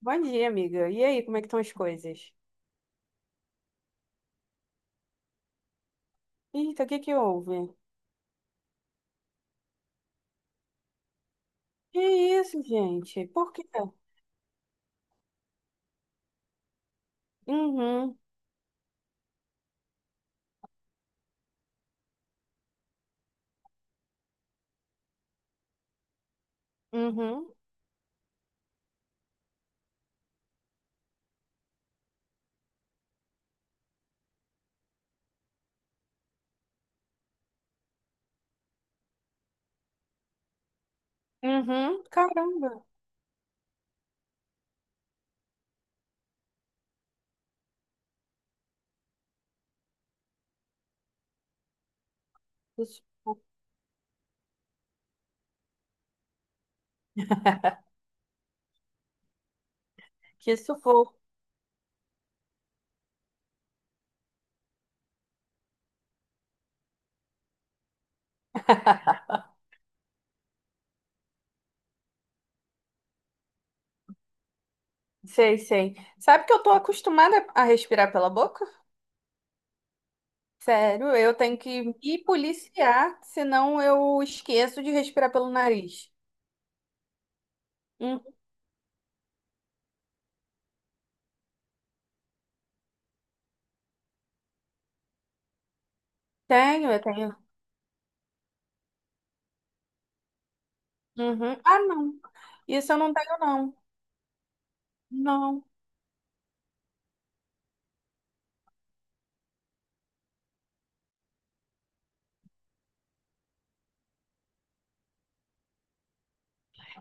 Bom dia, amiga. E aí, como é que estão as coisas? Eita, o que que houve? Que isso, gente? Por quê? Uhum, uhum, uhum. Caramba. Que sufoco. Que sufoco. Sei, sei. Sabe que eu tô acostumada a respirar pela boca? Sério, eu tenho que me policiar, senão eu esqueço de respirar pelo nariz. Hum, eu tenho. Uhum. Ah, não. Isso eu não tenho, não. Não.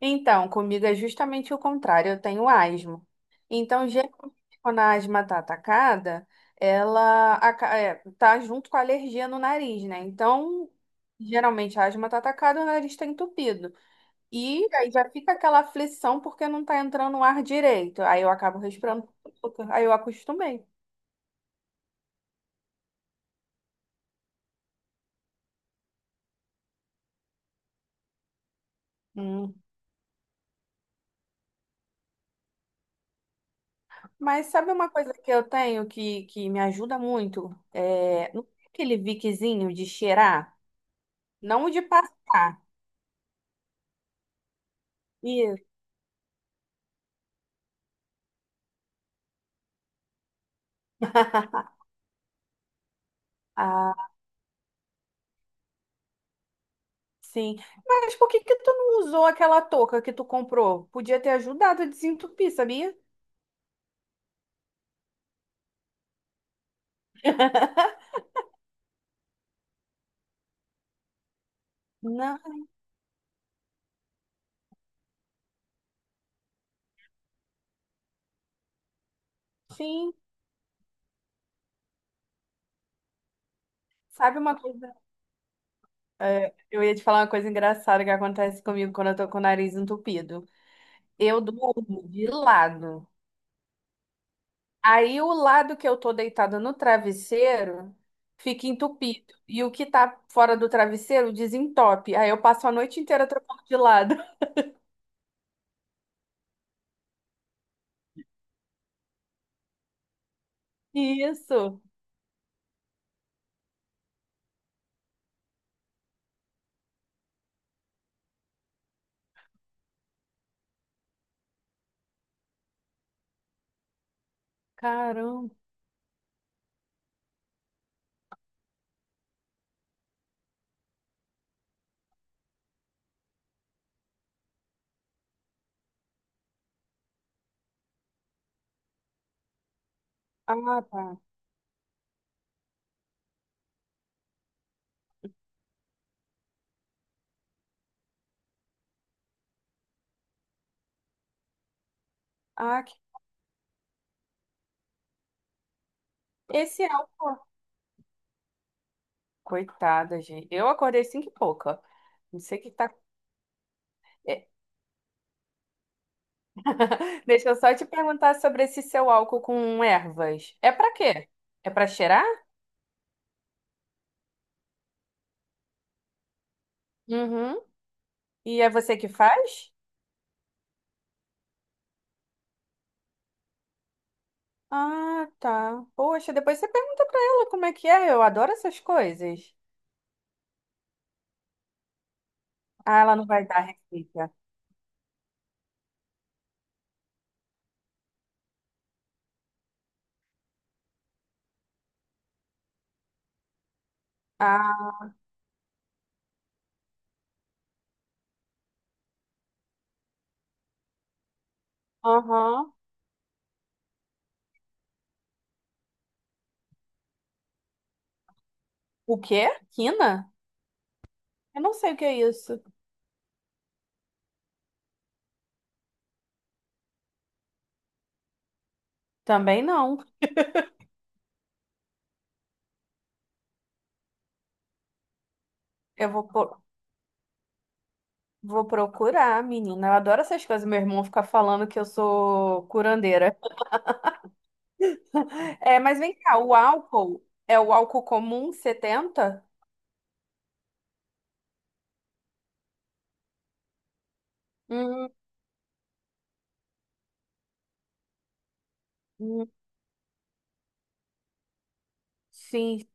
Então, comigo é justamente o contrário, eu tenho asma. Então, geralmente, quando a asma tá atacada, ela tá junto com a alergia no nariz, né? Então, geralmente a asma tá atacada, o nariz tá entupido. E aí já fica aquela aflição porque não tá entrando o ar direito. Aí eu acabo respirando pouco, aí eu acostumei. Hum. Mas sabe uma coisa que eu tenho que me ajuda muito? É, não tem aquele viquezinho de cheirar, não o de passar. Ah, sim. Mas por que que tu não usou aquela touca que tu comprou? Podia ter ajudado a desentupir, sabia? Não, sim. Sabe uma coisa? Eu ia te falar uma coisa engraçada que acontece comigo quando eu tô com o nariz entupido. Eu durmo de lado. Aí o lado que eu tô deitada no travesseiro fica entupido. E o que tá fora do travesseiro desentope. Aí eu passo a noite inteira trocando de lado. Isso. Caramba. Ah, tá. Ah, esse álcool. Coitada, gente. Eu acordei cinco e pouca. Não sei o que tá. É, deixa eu só te perguntar sobre esse seu álcool com ervas. É pra quê? É pra cheirar? Uhum. E é você que faz? Ah, tá. Poxa, depois você pergunta pra ela como é que é. Eu adoro essas coisas. Ah, ela não vai dar receita. Ah, aham. O quê? Quina? Eu não sei o que é isso. Também não. Eu vou. po- Vou procurar, menina. Eu adoro essas coisas. Meu irmão fica falando que eu sou curandeira. É, mas vem cá, o álcool é o álcool comum 70? Hum, hum, sim.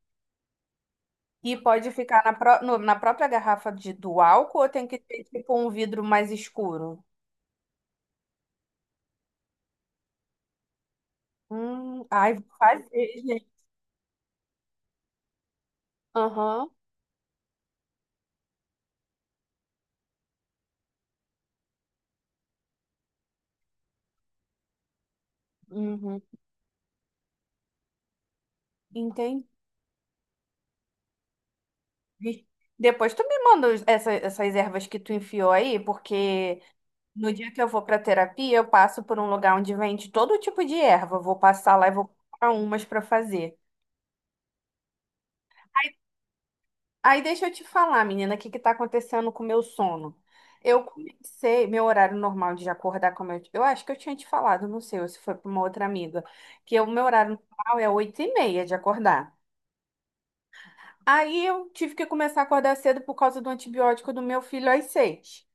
E pode ficar na, pró- no- na própria garrafa do álcool ou tem que ter tipo um vidro mais escuro? Ai, vou fazer, gente. Aham, uhum, entendi. Depois tu me manda essas ervas que tu enfiou aí, porque no dia que eu vou para terapia, eu passo por um lugar onde vende todo tipo de erva. Vou passar lá e vou comprar umas para fazer. Aí deixa eu te falar, menina, o que que tá acontecendo com o meu sono? Meu horário normal de acordar, como eu acho que eu tinha te falado, não sei, ou se foi para uma outra amiga, que o meu horário normal é 8:30 de acordar. Aí eu tive que começar a acordar cedo por causa do antibiótico do meu filho às 6.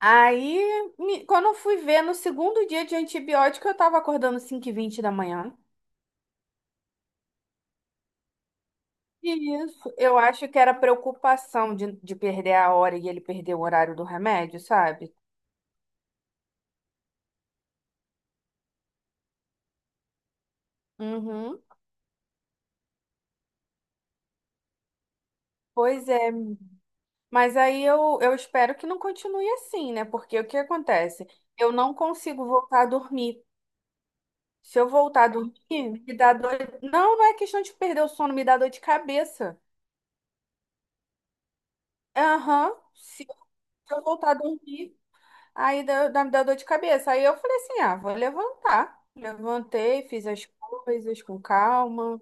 Aí, quando eu fui ver, no segundo dia de antibiótico, eu tava acordando 5:20 da manhã. Isso, eu acho que era preocupação de perder a hora e ele perder o horário do remédio, sabe? Uhum. Pois é, mas aí eu espero que não continue assim, né? Porque o que acontece? Eu não consigo voltar a dormir. Se eu voltar a dormir, me dá dor. Não, não é questão de perder o sono, me dá dor de cabeça. Aham. Se eu voltar a dormir, aí me dá dor de cabeça. Aí eu falei assim: ah, vou levantar. Levantei, fiz as coisas com calma.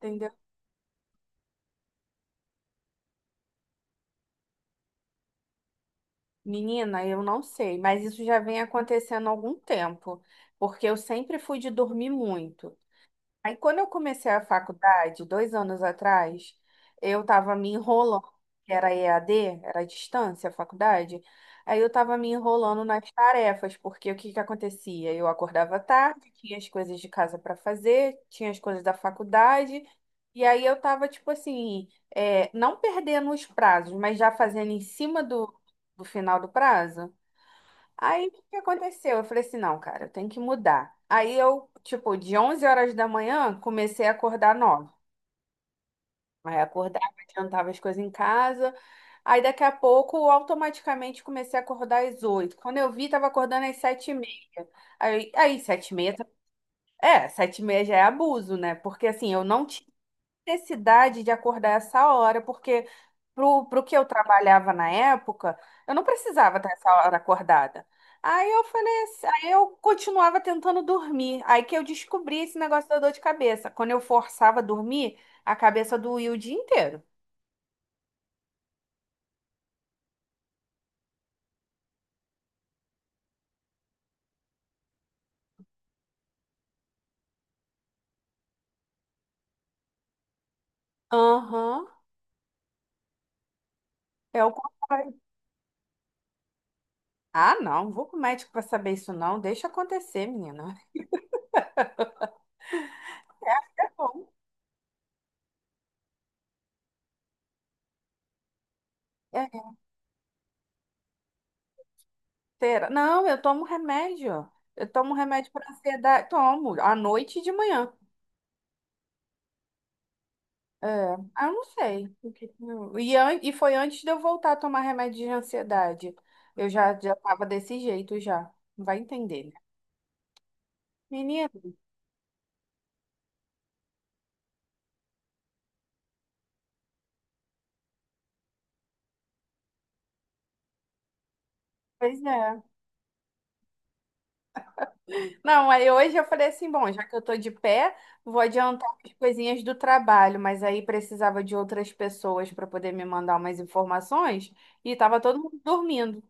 Entendeu? Menina, eu não sei, mas isso já vem acontecendo há algum tempo, porque eu sempre fui de dormir muito. Aí, quando eu comecei a faculdade, 2 anos atrás, eu estava me enrolando, que era EAD, era à distância, a faculdade. Aí eu estava me enrolando nas tarefas, porque o que que acontecia? Eu acordava tarde, tinha as coisas de casa para fazer, tinha as coisas da faculdade, e aí eu estava, tipo assim, é, não perdendo os prazos, mas já fazendo em cima do final do prazo. Aí, o que que aconteceu? Eu falei assim, não, cara, eu tenho que mudar. Aí eu, tipo, de 11 horas da manhã, comecei a acordar 9. Aí acordava, adiantava as coisas em casa. Aí daqui a pouco, eu automaticamente, comecei a acordar às 8. Quando eu vi, tava acordando às 7:30. Aí 7 e meia, 7:30 já é abuso, né? Porque assim, eu não tinha necessidade de acordar essa hora, porque pro que eu trabalhava na época, eu não precisava estar essa hora acordada. Aí eu falei assim, aí eu continuava tentando dormir. Aí que eu descobri esse negócio da dor de cabeça. Quando eu forçava a dormir, a cabeça doía o dia inteiro. Aham, é o contrário. Ah, não, não vou com o médico para saber isso, não. Deixa acontecer, menina. É bom. É, será? Não, eu tomo remédio. Eu tomo remédio para ansiedade. Tomo, à noite e de manhã. É, ah, eu não sei. O que que eu- E foi antes de eu voltar a tomar remédio de ansiedade. Eu já tava desse jeito já. Vai entender, né? Menina, pois é. Não, aí hoje eu falei assim, bom, já que eu tô de pé, vou adiantar as coisinhas do trabalho, mas aí precisava de outras pessoas para poder me mandar umas informações e tava todo mundo dormindo.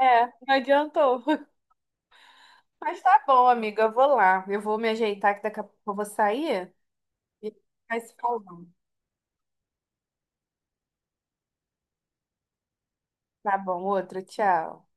É, não adiantou. Mas tá bom, amiga, eu vou lá. Eu vou me ajeitar que daqui a pouco eu vou sair e vai se falando. Tá bom, outro, tchau.